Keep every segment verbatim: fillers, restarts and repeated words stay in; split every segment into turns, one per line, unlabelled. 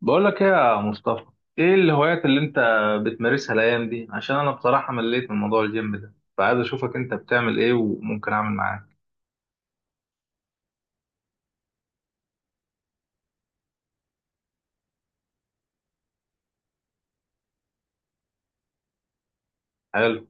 بقول لك ايه يا مصطفى؟ ايه الهوايات اللي انت بتمارسها الايام دي؟ عشان انا بصراحة مليت من موضوع الجيم ده، فعايز اشوفك انت بتعمل ايه وممكن اعمل معاك. حلو.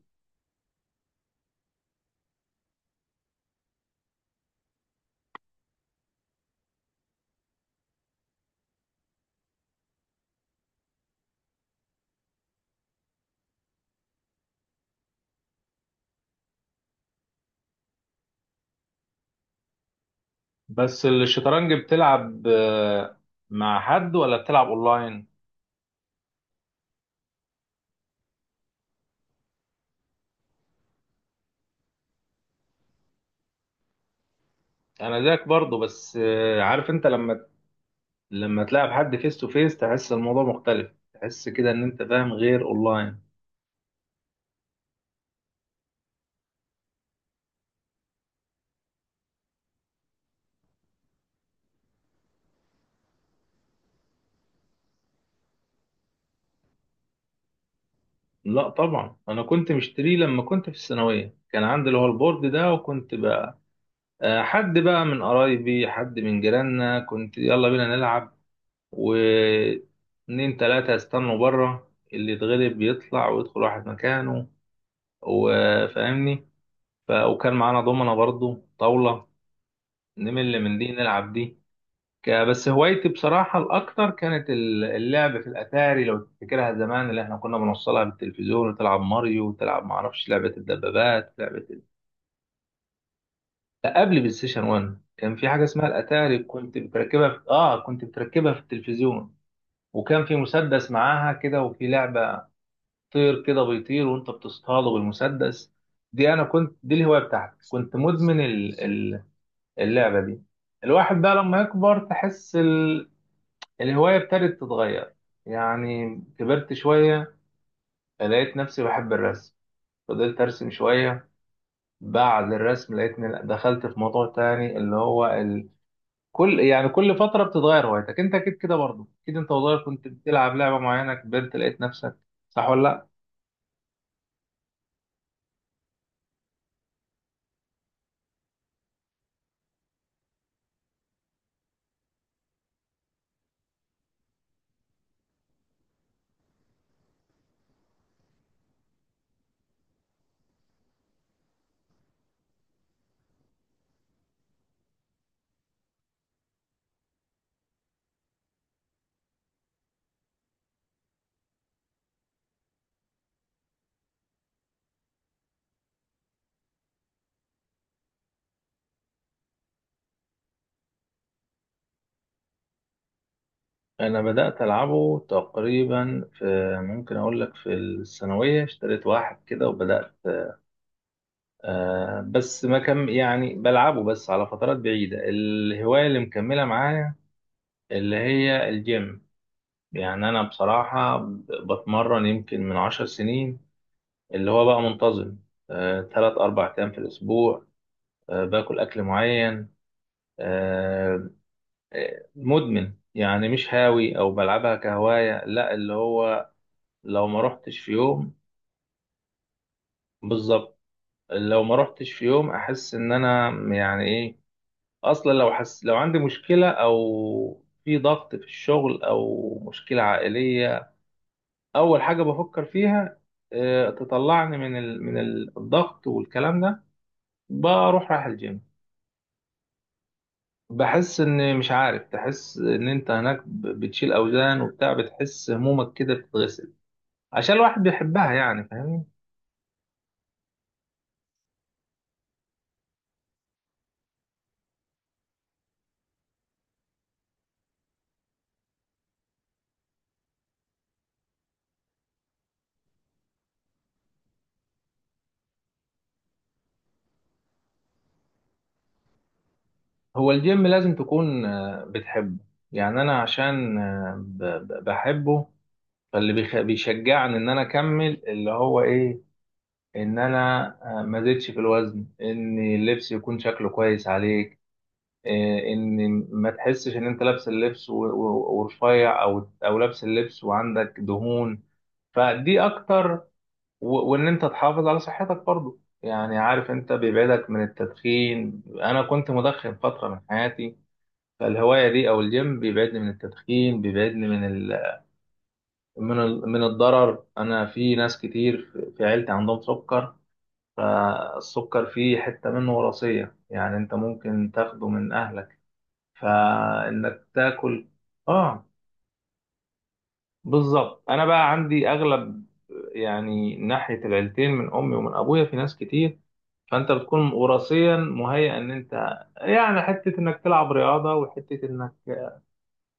بس الشطرنج بتلعب آه، مع حد ولا بتلعب اونلاين؟ انا زيك برضه. بس آه، عارف انت لما لما تلعب حد فيس تو فيس، تحس الموضوع مختلف، تحس كده ان انت فاهم غير اونلاين. لا طبعا، انا كنت مشتريه لما كنت في الثانوية، كان عندي اللي هو البورد ده، وكنت ب- آه، حد بقى من قرايبي، حد من جيراننا، كنت يلا بينا نلعب. واتنين تلاتة يستنوا بره، اللي يتغلب بيطلع ويدخل واحد مكانه، وفاهمني. ف... وكان معانا دومنا برضو طاولة، نمل من دي نلعب دي. ك... بس هوايتي بصراحة الأكتر كانت ال- اللعب في الأتاري، لو تفتكرها زمان، اللي احنا كنا بنوصلها بالتلفزيون وتلعب ماريو وتلعب معرفش لعبة الدبابات، لعبة. لا، قبل بلاي ستيشن واحد كان في حاجه اسمها الاتاري، كنت بتركبها في... اه كنت بتركبها في التلفزيون. وكان في مسدس معاها كده وفي لعبه، طير كده بيطير وانت بتصطاده بالمسدس. دي انا كنت، دي الهوايه بتاعتي، كنت مدمن ال... ال- اللعبه دي. الواحد بقى لما يكبر تحس ال... الهوايه ابتدت تتغير. يعني كبرت شويه، لقيت نفسي بحب الرسم، فضلت ارسم شويه. بعد الرسم لقيتني دخلت في موضوع تاني اللي هو كل يعني كل فترة بتتغير هوايتك. انت اكيد كده برضه، اكيد انت وصغير كنت بتلعب لعبة معينة، كبرت لقيت نفسك، صح ولا لا؟ انا بدات العبه تقريبا في ممكن اقول لك في الثانويه، اشتريت واحد كده وبدات. آه بس ما كان يعني بلعبه بس على فترات بعيده. الهوايه اللي مكمله معايا اللي هي الجيم. يعني انا بصراحه ب- بتمرن يمكن من عشر سنين، اللي هو بقى منتظم، آه تلات اربع ايام في الاسبوع، آه باكل اكل معين. آه، مدمن يعني، مش هاوي او بلعبها كهواية، لا اللي هو لو ما رحتش في يوم. بالظبط، لو ما رحتش في يوم احس ان انا يعني ايه. اصلا لو حس لو عندي مشكلة او في ضغط في الشغل او مشكلة عائلية، اول حاجة بفكر فيها آه، تطلعني من ال... من ال- الضغط والكلام ده، بروح رايح الجيم. بحس ان مش عارف، تحس ان انت هناك ب- بتشيل اوزان وبتاع، بتحس همومك كده بتتغسل، عشان الواحد بيحبها يعني، فاهمني. هو الجيم لازم تكون آه، بتحبه. يعني انا عشان آه، ب- ب- بحبه، فاللي بيخ- بيشجعني ان انا اكمل اللي هو ايه، ان انا آه، ما زدتش في الوزن، ان اللبس يكون شكله كويس عليك، آه، ان ما تحسش ان انت لابس اللبس و- و- ورفيع، او او لابس اللبس وعندك دهون، فدي اكتر. و- وان انت تحافظ على صحتك برضو، يعني عارف انت بيبعدك من التدخين. انا كنت مدخن فترة من حياتي، فالهواية دي او الجيم بيبعدني من التدخين، بيبعدني من ال... من ال... من الضرر. انا في ناس كتير في في عيلتي عندهم سكر، فالسكر فيه حتة منه وراثية، يعني انت ممكن تاخده من اهلك، فانك تاكل. اه، بالظبط. انا بقى عندي اغلب، يعني ناحية العيلتين من امي ومن ابويا في ناس كتير، فانت بتكون وراثيا مهيئ ان انت، يعني حته انك تلعب رياضه، وحته انك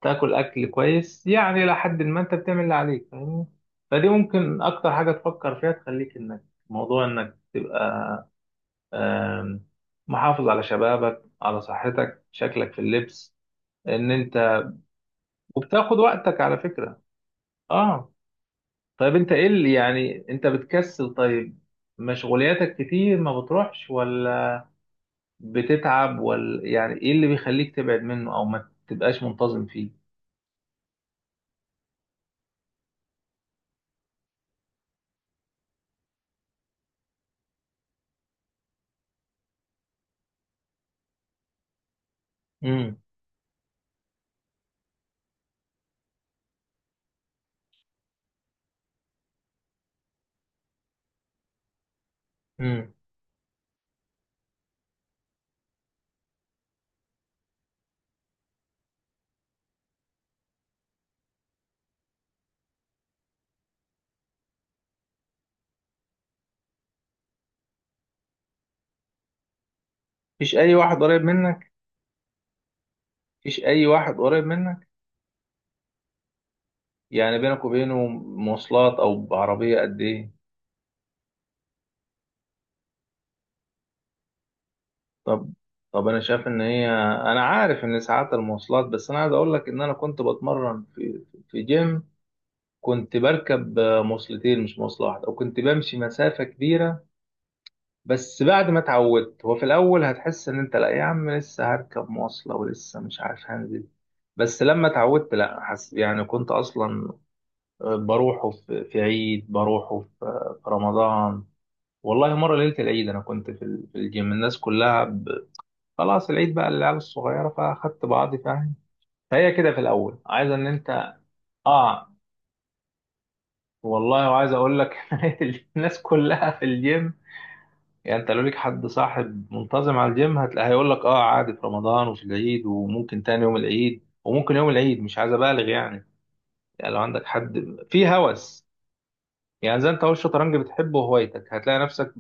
تاكل اكل كويس، يعني الى حد ما انت بتعمل اللي عليك، فاهمني. فدي ممكن اكتر حاجه تفكر فيها، تخليك انك، موضوع انك تبقى آم، محافظ على شبابك، على صحتك، شكلك في اللبس، ان انت وبتاخد وقتك على فكره. اه. طيب انت ايه اللي يعني انت بتكسل؟ طيب، مشغولياتك كتير ما بتروحش، ولا بتتعب، ولا يعني ايه اللي بيخليك تبعد منه او ما تبقاش منتظم فيه؟ امم. امم. مفيش اي واحد قريب منك مفيش اي واحد قريب منك؟ يعني بينك وبينه مواصلات او بعربية قد ايه؟ طب طب، انا شايف ان هي، انا عارف ان ساعات المواصلات، بس انا عايز اقول لك ان انا كنت بتمرن في في جيم. كنت بركب آه، مواصلتين، مش مواصلة واحدة، وكنت بمشي مسافة كبيرة. بس بعد ما اتعودت، هو في الاول هتحس ان انت لا يا عم لسه هركب مواصله ولسه مش عارف هنزل. بس لما اتعودت لا، حس يعني كنت اصلا بروحه في في عيد، بروحه في في رمضان. والله، مره ليله العيد انا كنت في ال- في الجيم، الناس كلها ب... خلاص العيد بقى للعيال الصغيره، فاخدت بعضي، فاهم. فهي كده في الاول عايز ان انت. اه والله، وعايز اقول لك. الناس كلها في الجيم. يعني انت لو ليك حد صاحب منتظم على الجيم، هتلاقي هيقول لك اه عادي، في رمضان وفي العيد، وممكن تاني يوم العيد، وممكن يوم العيد، مش عايز ابالغ يعني يعني لو عندك حد في هوس، يعني زي انت، هو الشطرنج بتحبه وهوايتك، هتلاقي نفسك.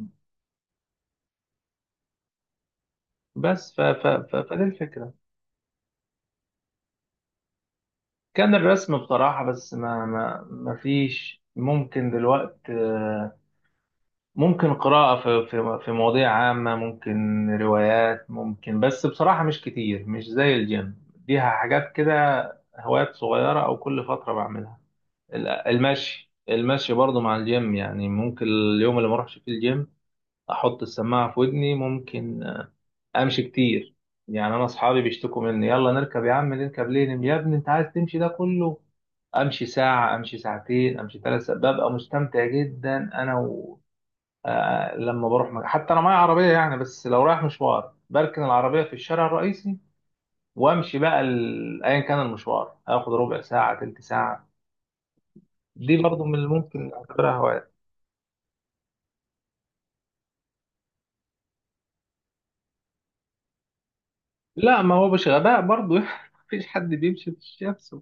بس ف ف ف فدي الفكرة. كان الرسم بصراحة، بس ما ما ما فيش ممكن دلوقتي. ممكن قراءة في في في مواضيع عامة، ممكن روايات، ممكن، بس بصراحة مش كتير، مش زي الجيم. دي حاجات كده، هوايات صغيرة، أو كل فترة بعملها. ال- المشي المشي برضو مع الجيم، يعني ممكن اليوم اللي ما اروحش فيه الجيم، أحط السماعة في ودني، ممكن أمشي كتير. يعني أنا أصحابي بيشتكوا مني، يلا نركب يا عم، نركب ليه؟ يا ابني أنت عايز تمشي ده كله؟ امشي ساعه، امشي ساعتين، امشي ثلاث ساعات، ببقى مستمتع جدا انا. آه، لما بروح مك... حتى انا معايا عربيه يعني، بس لو رايح مشوار بركن العربيه في الشارع الرئيسي، وامشي بقى ال... ايا كان المشوار اخد ربع ساعه، تلت ساعه. دي برضو من اللي ممكن اعتبرها هوايه. لا ما هو مش غباء برضو. مفيش حد بيمشي في الشمس.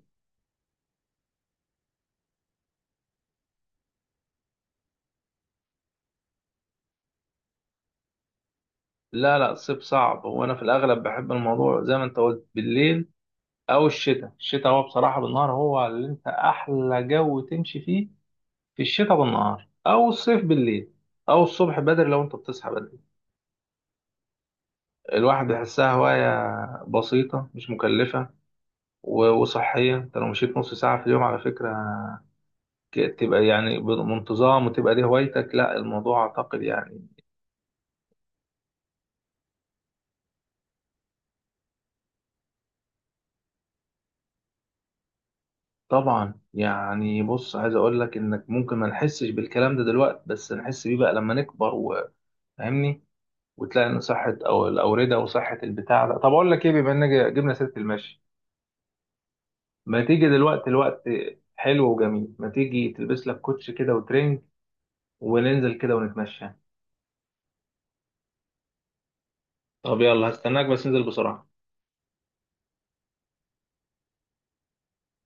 لا، لا. الصيف صعب، وانا في الاغلب بحب الموضوع زي ما انت قلت بالليل او الشتاء. الشتاء هو بصراحه بالنهار هو اللي انت احلى جو تمشي فيه، في الشتاء بالنهار او الصيف بالليل، او الصبح بدري لو انت بتصحى بدري. الواحد يحسها هواية بسيطة، مش مكلفة و- وصحية. انت لو مشيت نص ساعة في اليوم على فكرة، ك- تبقى يعني بانتظام، وتبقى دي هوايتك، لا الموضوع اعتقد يعني. طبعا، يعني بص، عايز اقول لك انك ممكن ما نحسش بالكلام ده دلوقتي، بس نحس بيه بقى لما نكبر، وفاهمني. وتلاقي ان صحة او الاوردة وصحة البتاع ده. طب اقول لك ايه، بما ان جبنا سيرة المشي، ما تيجي دلوقتي الوقت حلو وجميل، ما تيجي تلبس لك كوتش كده وترنج، وننزل كده ونتمشى. طب يلا، هستناك بس انزل بسرعة.